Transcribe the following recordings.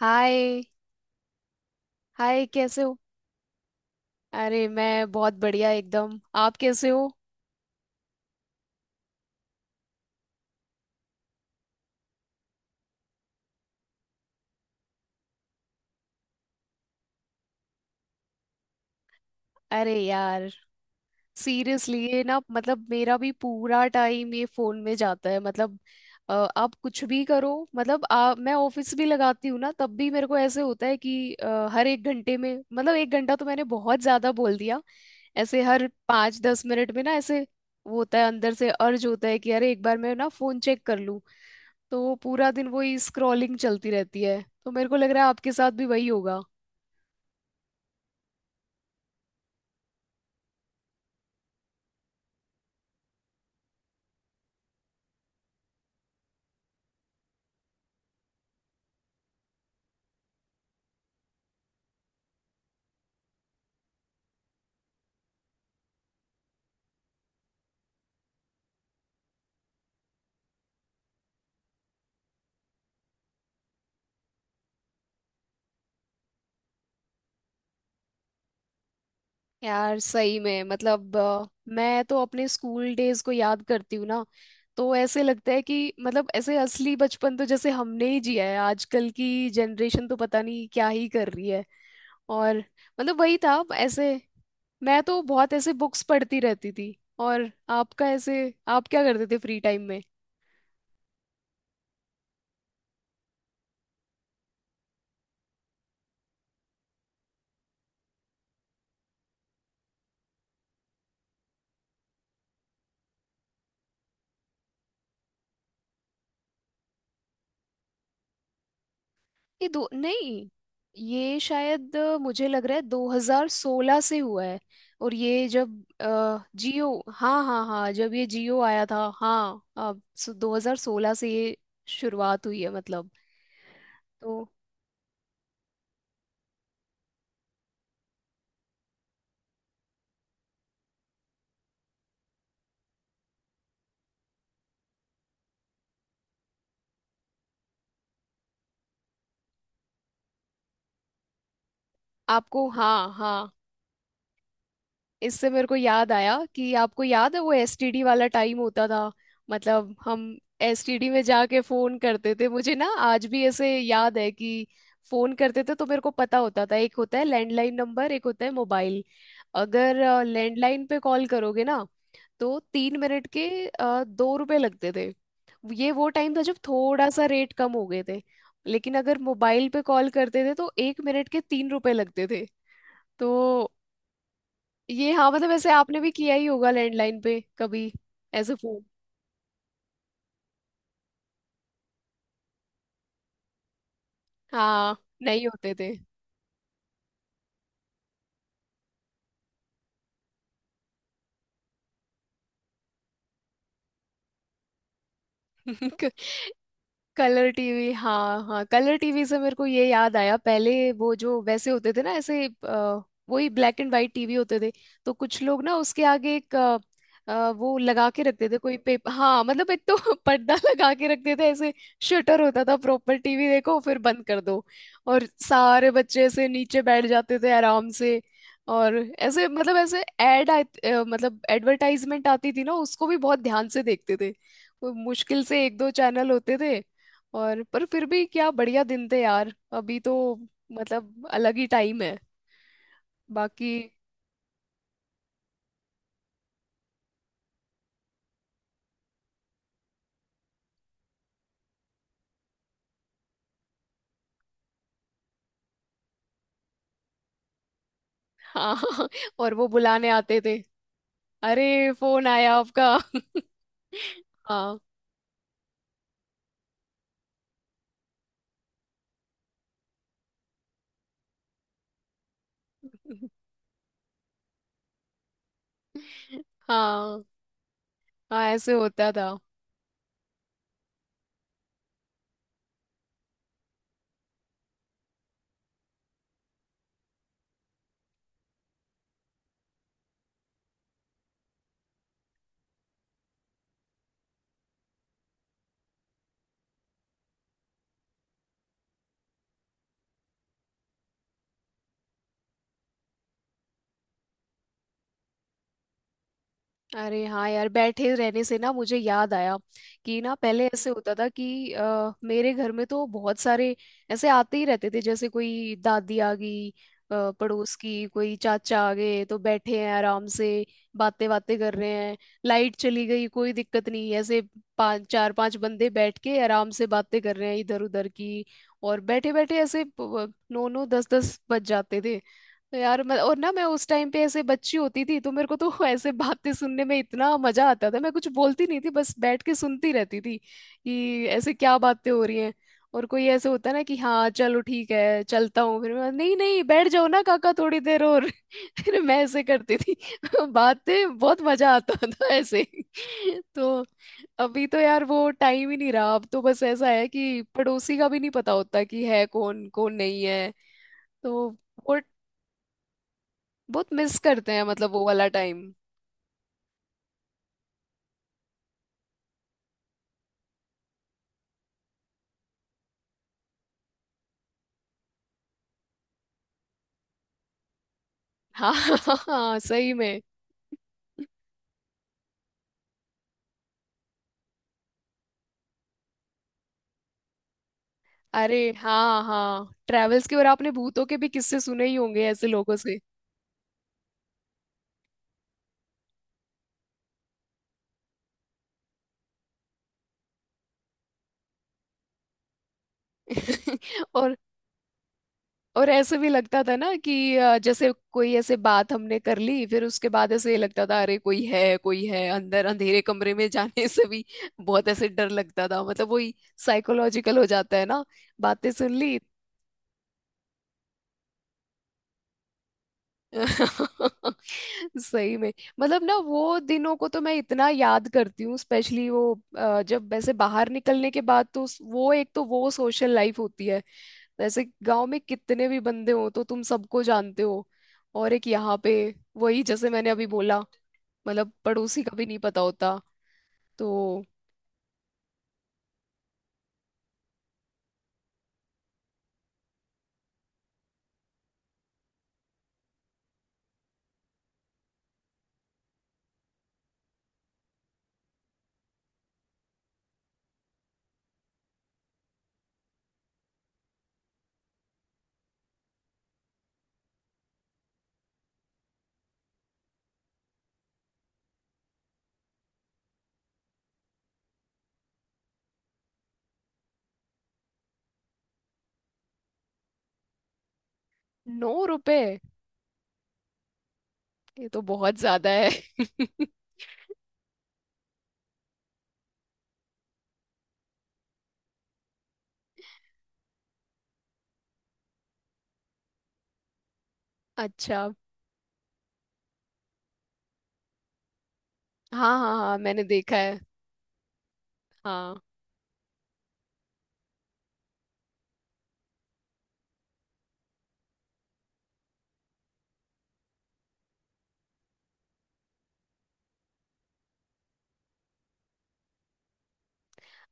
हाय। Hi कैसे हो। अरे मैं बहुत बढ़िया एकदम। आप कैसे हो। अरे यार सीरियसली ये ना मतलब मेरा भी पूरा टाइम ये फोन में जाता है मतलब आप कुछ भी करो मतलब मैं ऑफिस भी लगाती हूँ ना तब भी मेरे को ऐसे होता है कि हर 1 घंटे में मतलब 1 घंटा तो मैंने बहुत ज्यादा बोल दिया। ऐसे हर पाँच दस मिनट में ना ऐसे वो होता है अंदर से अर्ज होता है कि अरे एक बार मैं ना फोन चेक कर लूं। तो पूरा दिन वही स्क्रॉलिंग चलती रहती है तो मेरे को लग रहा है आपके साथ भी वही होगा। यार सही में मतलब मैं तो अपने स्कूल डेज को याद करती हूँ ना। तो ऐसे लगता है कि मतलब ऐसे असली बचपन तो जैसे हमने ही जिया है। आजकल की जनरेशन तो पता नहीं क्या ही कर रही है। और मतलब वही था ऐसे। मैं तो बहुत ऐसे बुक्स पढ़ती रहती थी। और आपका ऐसे आप क्या करते थे फ्री टाइम में। ये दो नहीं। ये शायद मुझे लग रहा है 2016 से हुआ है। और ये जब जियो हाँ हाँ हाँ जब ये जियो आया था हाँ। अब सो 2016 से ये शुरुआत हुई है मतलब। तो आपको हाँ हाँ इससे मेरे को याद आया कि आपको याद है वो एसटीडी वाला टाइम होता था। मतलब हम एसटीडी में जाके फोन करते थे। मुझे ना आज भी ऐसे याद है कि फोन करते थे तो मेरे को पता होता था एक होता है लैंडलाइन नंबर एक होता है मोबाइल। अगर लैंडलाइन पे कॉल करोगे ना तो 3 मिनट के 2 रुपए लगते थे। ये वो टाइम था जब थोड़ा सा रेट कम हो गए थे। लेकिन अगर मोबाइल पे कॉल करते थे तो 1 मिनट के 3 रुपए लगते थे। तो ये हाँ मतलब ऐसे आपने भी किया ही होगा लैंडलाइन पे कभी। ऐसे फोन हाँ नहीं होते थे। कलर टीवी हाँ हाँ कलर टीवी से मेरे को ये याद आया पहले वो जो वैसे होते थे ना ऐसे वही ब्लैक एंड वाइट टीवी होते थे। तो कुछ लोग ना उसके आगे एक वो लगा के रखते थे कोई पेपर हाँ मतलब एक तो पर्दा लगा के रखते थे ऐसे। शटर होता था प्रॉपर टीवी देखो फिर बंद कर दो। और सारे बच्चे ऐसे नीचे बैठ जाते थे आराम से। और ऐसे मतलब ऐसे एड मतलब एडवर्टाइजमेंट आती थी ना उसको भी बहुत ध्यान से देखते थे। वो मुश्किल से एक दो चैनल होते थे। और पर फिर भी क्या बढ़िया दिन थे यार। अभी तो मतलब अलग ही टाइम है बाकी। हाँ और वो बुलाने आते थे। अरे फोन आया आपका हाँ हाँ हाँ ऐसे होता था। अरे हाँ यार बैठे रहने से ना मुझे याद आया कि ना पहले ऐसे होता था कि मेरे घर में तो बहुत सारे ऐसे आते ही रहते थे जैसे कोई दादी आ गई पड़ोस की कोई चाचा आ गए तो बैठे हैं आराम से। बातें बातें कर रहे हैं। लाइट चली गई कोई दिक्कत नहीं ऐसे। पांच चार पांच बंदे बैठ के आराम से बातें कर रहे हैं इधर उधर की। और बैठे बैठे ऐसे नौ नौ दस दस बज जाते थे। तो यार मैं और ना मैं उस टाइम पे ऐसे बच्ची होती थी तो मेरे को तो ऐसे बातें सुनने में इतना मजा आता था। मैं कुछ बोलती नहीं थी बस बैठ के सुनती रहती थी कि ऐसे क्या बातें हो रही हैं। और कोई ऐसे होता है ना कि हाँ चलो ठीक है चलता हूँ फिर मैं नहीं नहीं बैठ जाओ ना काका थोड़ी देर और फिर मैं ऐसे करती थी। बातें बहुत मजा आता था ऐसे तो अभी तो यार वो टाइम ही नहीं रहा। अब तो बस ऐसा है कि पड़ोसी का भी नहीं पता होता कि है कौन कौन नहीं है तो वो बहुत मिस करते हैं मतलब वो वाला टाइम। हाँ हाँ सही में। अरे हाँ हाँ ट्रेवल्स के और आपने भूतों के भी किस्से सुने ही होंगे ऐसे लोगों से। और और ऐसे भी लगता था ना कि जैसे कोई ऐसे बात हमने कर ली फिर उसके बाद ऐसे लगता था अरे कोई है अंदर अंधेरे कमरे में जाने से भी बहुत ऐसे डर लगता था मतलब वही साइकोलॉजिकल हो जाता है ना। बातें सुन ली। सही में। मतलब ना वो दिनों को तो मैं इतना याद करती हूँ स्पेशली वो जब वैसे बाहर निकलने के बाद तो वो एक तो वो सोशल लाइफ होती है। वैसे गांव में कितने भी बंदे हो तो तुम सबको जानते हो। और एक यहाँ पे वही जैसे मैंने अभी बोला। मतलब पड़ोसी का भी नहीं पता होता। तो नौ रुपए। ये तो बहुत ज्यादा है। अच्छा। हाँ हाँ हाँ मैंने देखा है। हाँ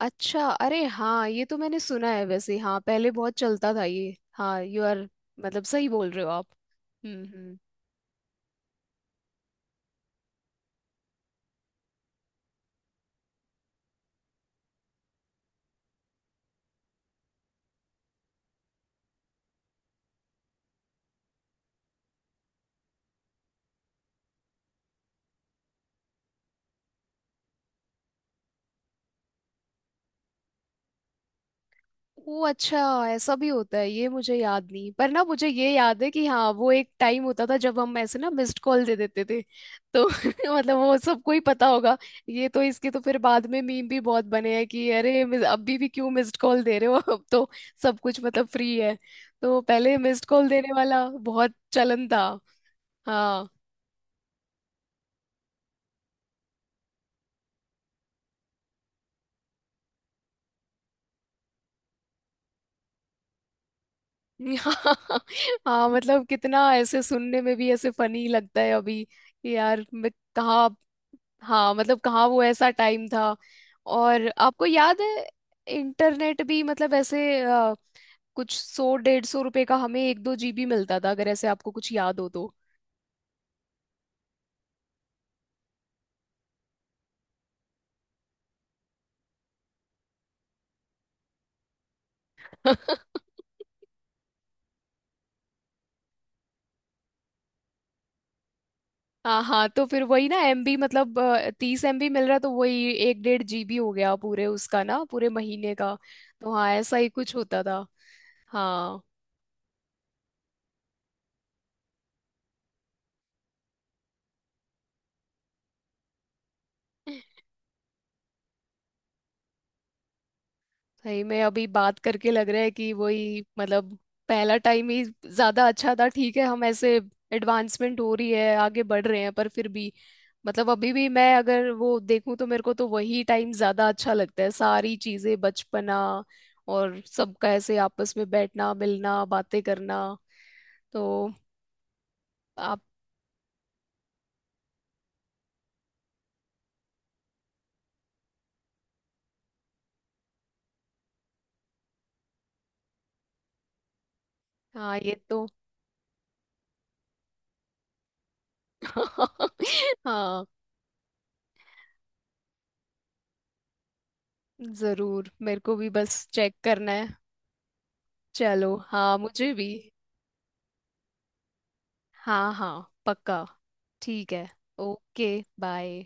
अच्छा अरे हाँ ये तो मैंने सुना है वैसे हाँ पहले बहुत चलता था ये हाँ यू आर। मतलब सही बोल रहे हो आप। हम्म हम्म वो अच्छा। ऐसा भी होता है ये मुझे याद नहीं पर ना मुझे ये याद है कि हाँ वो एक टाइम होता था जब हम ऐसे ना मिस्ड कॉल दे देते थे। तो मतलब वो सबको ही पता होगा। ये तो इसके तो फिर बाद में मीम भी बहुत बने हैं कि अरे अभी भी क्यों मिस्ड कॉल दे रहे हो अब तो सब कुछ मतलब फ्री है। तो पहले मिस्ड कॉल देने वाला बहुत चलन था। हाँ हाँ हाँ मतलब कितना ऐसे सुनने में भी ऐसे फनी लगता है अभी कि यार मैं कहाँ। हाँ मतलब कहाँ वो ऐसा टाइम था। और आपको याद है इंटरनेट भी मतलब ऐसे कुछ सौ 150 रुपए का हमें एक दो जीबी मिलता था अगर ऐसे आपको कुछ याद हो तो। हाँ हाँ तो फिर वही ना एमबी मतलब 30 एमबी मिल रहा है तो वही एक डेढ़ जीबी हो गया पूरे उसका ना पूरे महीने का। तो हाँ ऐसा ही कुछ होता था। हाँ भाई मैं अभी बात करके लग रहा है कि वही मतलब पहला टाइम ही ज्यादा अच्छा था। ठीक है हम ऐसे एडवांसमेंट हो रही है आगे बढ़ रहे हैं। पर फिर भी मतलब अभी भी मैं अगर वो देखूं तो मेरे को तो वही टाइम ज्यादा अच्छा लगता है। सारी चीजें बचपना और सबका ऐसे आपस में बैठना मिलना बातें करना। तो आप हाँ ये तो हाँ जरूर मेरे को भी बस चेक करना है। चलो हाँ मुझे भी हाँ हाँ पक्का ठीक है ओके बाय।